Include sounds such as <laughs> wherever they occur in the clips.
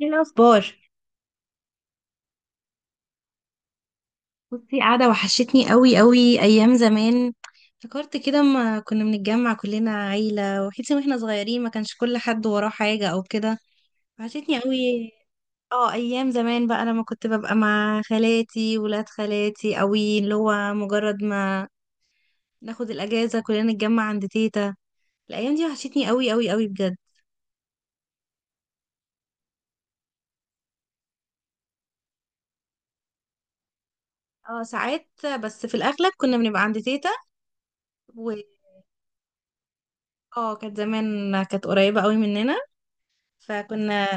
ايه الاخبار؟ بصي، قاعده. وحشتني قوي قوي ايام زمان. فكرت كده ما كنا بنتجمع كلنا، عيله وحيتي واحنا صغيرين، ما كانش كل حد وراه حاجه او كده. وحشتني قوي. اه ايام زمان بقى، لما كنت ببقى مع خالاتي ولاد خالاتي قوي، اللي هو مجرد ما ناخد الاجازه كلنا نتجمع عند تيتا. الايام دي وحشتني قوي قوي قوي بجد. اه، ساعات. بس في الاغلب كنا بنبقى عند تيتا. و اه كانت زمان كانت قريبه قوي مننا. فكنا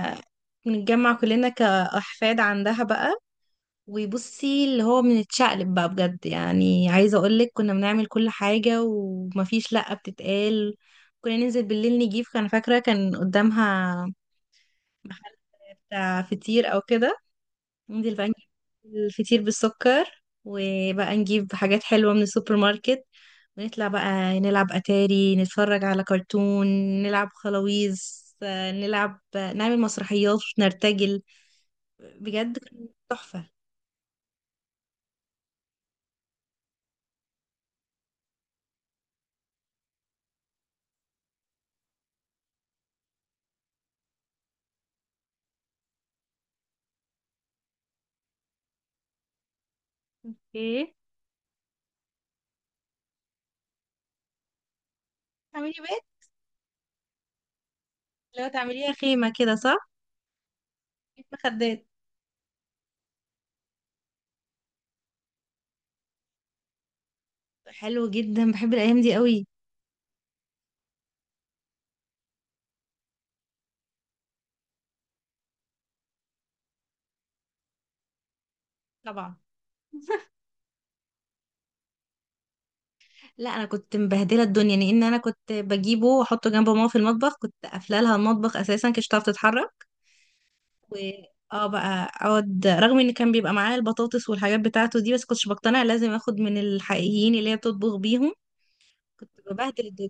نتجمع كلنا كأحفاد عندها بقى. وبصي اللي هو بنتشقلب بقى بجد، يعني عايزة اقولك كنا بنعمل كل حاجة ومفيش لأ بتتقال. كنا ننزل بالليل نجيب، كان فاكرة كان قدامها محل بتاع فطير او كده. ننزل بقى الفطير بالسكر، وبقى نجيب حاجات حلوة من السوبر ماركت، ونطلع بقى نلعب أتاري، نتفرج على كرتون، نلعب خلاويص، نلعب، نعمل مسرحيات نرتجل. بجد كان تحفة. ايه، تعملي بيت. لو تعمليها خيمة كده، صح. بيت مخدات. حلو جدا، بحب الأيام دي قوي. طبعا. لا، انا كنت مبهدله الدنيا لان انا كنت بجيبه واحطه جنب ماما في المطبخ، كنت قافله لها المطبخ اساسا كنتش تعرف تتحرك. و اه بقى اقعد رغم ان كان بيبقى معايا البطاطس والحاجات بتاعته دي، بس كنتش بقتنع، لازم اخد من الحقيقيين اللي هي بتطبخ بيهم. كنت ببهدل الدنيا.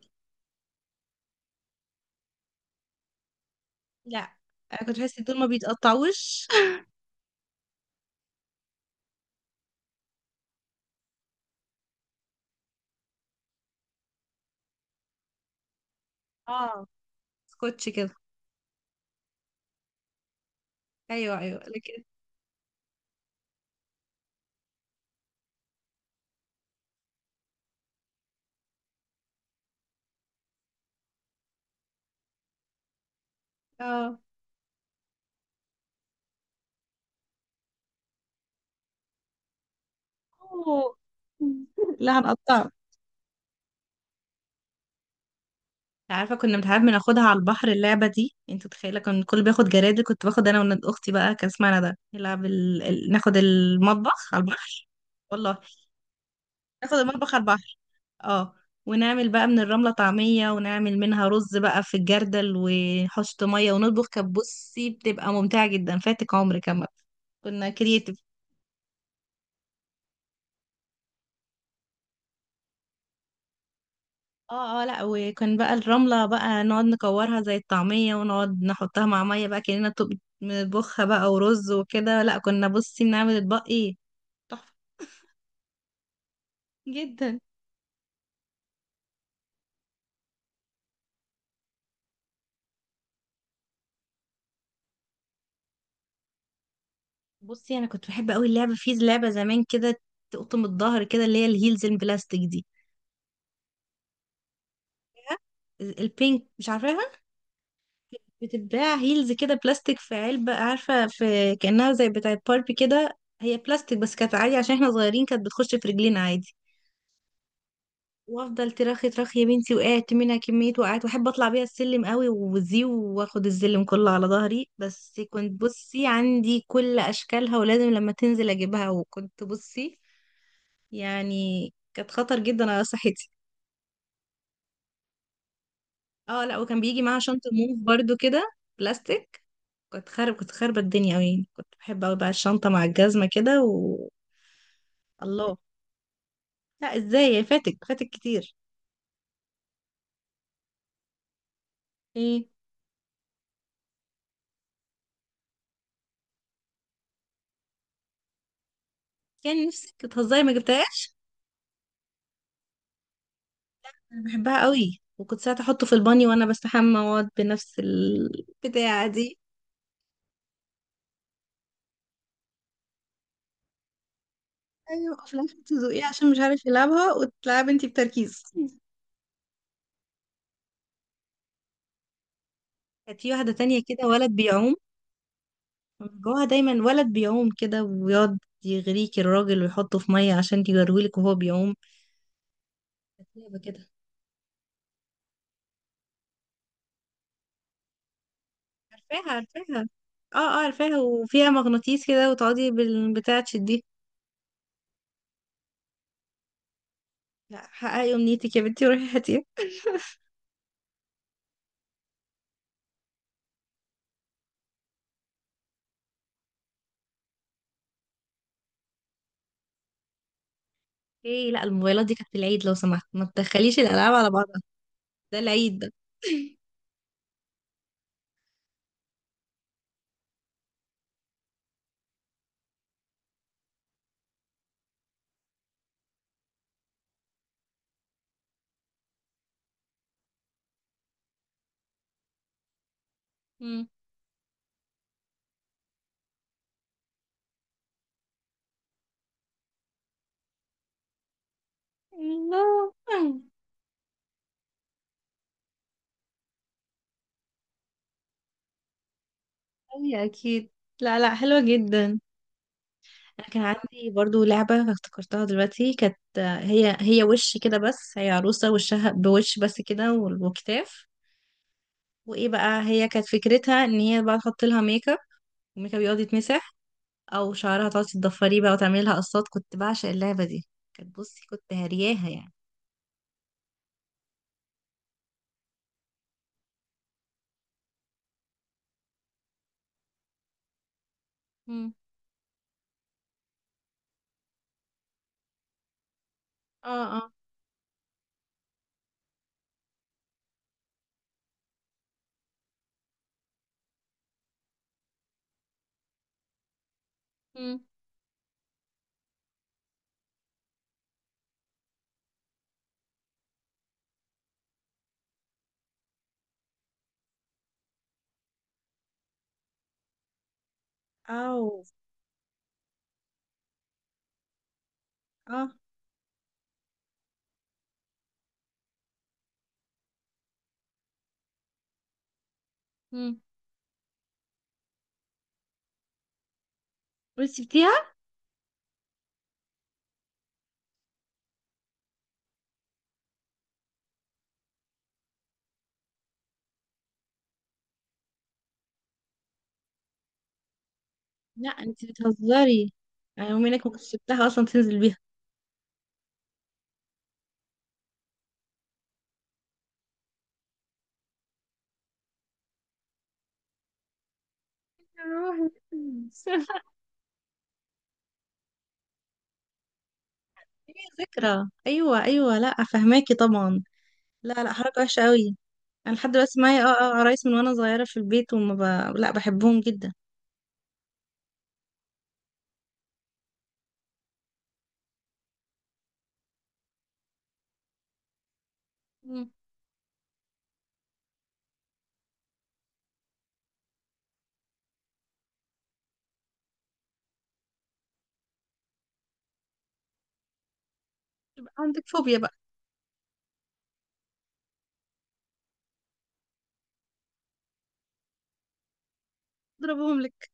لا انا كنت بحس دول ما بيتقطعوش. <laughs> اه، سكوتش كده. ايوه، ايوه، لكن. اه. أوه. <laughs> لا، هنقطعه. عارفه كنا بنحب بناخدها على البحر اللعبه دي، انت متخيله كان الكل بياخد جرادل، كنت باخد انا وولاد اختي بقى، كان اسمها ندى، نلعب ناخد المطبخ على البحر. والله، ناخد المطبخ على البحر. اه، ونعمل بقى من الرملة طعمية، ونعمل منها رز بقى في الجردل وحشط مية ونطبخ، كانت بصي بتبقى ممتعة جدا، فاتك عمر كمان. كنا كرييتيف. اه، اه، لا وكان بقى الرملة بقى نقعد نكورها زي الطعمية، ونقعد نحطها مع مية بقى كأننا بنطبخها بقى ورز وكده، لا كنا بصي بنعمل اطباق ايه. تحفة. جدا. بصي انا كنت بحب قوي اللعبة، في لعبة زمان كده تقطم الظهر كده اللي هي الهيلز البلاستيك دي. البينك، مش عارفة. بتتباع هيلز كده بلاستيك في علبة، عارفة، في كأنها زي بتاعة باربي كده، هي بلاستيك بس كانت عادي عشان احنا صغيرين كانت بتخش في رجلينا عادي. وافضل ترخي ترخي يا بنتي، وقعت منها كمية، وقعت واحب اطلع بيها السلم قوي وزي واخد السلم كله على ظهري، بس كنت بصي عندي كل اشكالها، ولازم لما تنزل اجيبها، وكنت بصي يعني كانت خطر جدا على صحتي. اه، لا وكان بيجي معاها شنطة موف برضو كده بلاستيك. كنت خاربة الدنيا أوي يعني، كنت بحب أوي بقى الشنطة مع الجزمة كده. الله، لا، ازاي فاتك فاتك كتير. ايه؟ يعني نفسك بتهزري ما جبتهاش؟ أنا بحبها أوي، وكنت ساعات احطه في البانيو وانا بستحمى واقعد بنفس البتاعة دي. ايوه، في الاخر تزوقيه عشان مش عارف يلعبها وتلعب انتي بتركيز. كانت في واحدة تانية كده، ولد بيعوم من جواها دايما، ولد بيعوم كده ويقعد يغريك الراجل ويحطه في مية عشان يجرويلك وهو بيعوم. كانت لعبة كده. عارفاها، عارفاها. اه، اه، عارفاها، وفيها مغناطيس كده، وتقعدي بالبتاع تشديه. لا، حققي امنيتك يا بنتي، روحي هاتيها. ايه؟ لا الموبايلات دي كانت في العيد، لو سمحت ما تدخليش الالعاب على بعضها. ده العيد ده. <laughs> مم. الله. اي، اكيد. لا، لا، حلوه جدا. انا كان عندي برضو لعبه افتكرتها دلوقتي، كانت هي هي وش كده، بس هي عروسه وشها بوش بس كده، وكتاف. وايه بقى، هي كانت فكرتها ان هي بقى تحط لها ميك اب، الميك اب يقعد يتمسح، او شعرها تقعدي تضفريه بقى وتعملي لها قصات. كنت بعشق اللعبه دي، كانت بصي كنت هرياها يعني. مم. اه، اه، مم. او، اه، مم. بس سبتيها؟ لا، انت بتهزري. انا يوم هناك ما كنتش سبتها اصلا تنزل بيها. يا روحي. <laughs> هي ذكرى، ايوه، ايوه، لا فهماكي طبعا. لا، لا، حركه وحشه قوي. انا لحد دلوقتي معايا عرايس من وانا صغيره في البيت، لا بحبهم جدا. مم. يبقى عندك فوبيا بقى. اضربهم لك.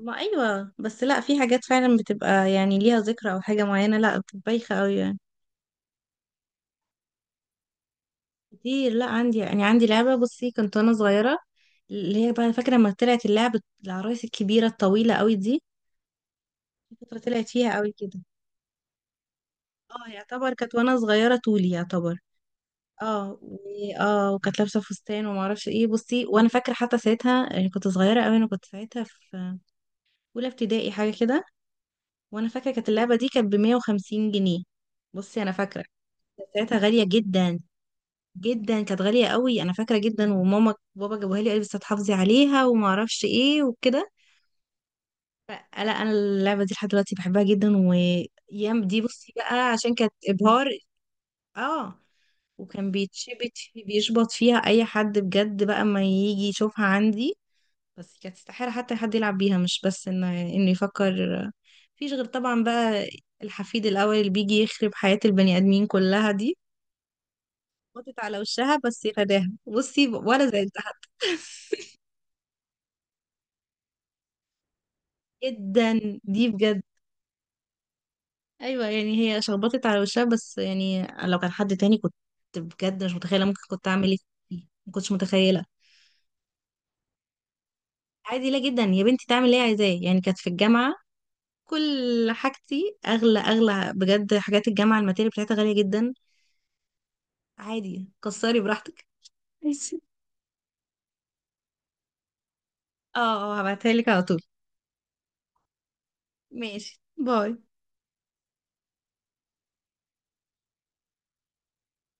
ما ايوه، بس لا، في حاجات فعلا بتبقى يعني ليها ذكرى او حاجه معينه، لا بتبقى بايخه قوي يعني. كتير، لا عندي، يعني عندي لعبه بصي، كنت وانا صغيره، اللي هي بقى فاكره لما طلعت اللعبه العرايس الكبيره الطويله قوي دي، في فتره طلعت فيها قوي كده. اه، يعتبر كانت وانا صغيره طولي يعتبر. وكانت لابسه فستان، وما اعرفش ايه. بصي وانا فاكره حتى ساعتها يعني كنت صغيره قوي، انا كنت ساعتها في اولى ابتدائي حاجه كده، وانا فاكره كانت اللعبه دي كانت ب 150 جنيه. بصي انا فاكره، كانت ساعتها غاليه جدا جدا، كانت غالية قوي انا فاكرة جدا، وماما بابا جابوها لي قال لي بس هتحافظي عليها وما اعرفش ايه وكده. فلا، انا اللعبة دي لحد دلوقتي بحبها جدا، ويام دي بصي بقى عشان كانت ابهار. اه، وكان بيشبط فيها اي حد بجد بقى ما يجي يشوفها عندي، بس كانت استحالة حتى حد يلعب بيها مش بس ان انه يفكر فيش، غير طبعا بقى الحفيد الاول اللي بيجي يخرب حياة البني ادمين كلها دي. حطت على وشها بس، يا فداها، بصي ولا زعلت حتى. <laughs> جدا. دي بجد، ايوه يعني هي شخبطت على وشها بس، يعني لو كان حد تاني كنت بجد مش متخيله ممكن كنت اعمل ايه فيه. ما كنتش متخيله. عادي، لا جدا يا بنتي، تعمل ايه، عايزاه، يعني كانت في الجامعه كل حاجتي اغلى اغلى بجد، حاجات الجامعه الماتيريال بتاعتها غاليه جدا. عادي كسري براحتك. ماشي. اه، اه، هبعتها لك على طول. ماشي، باي.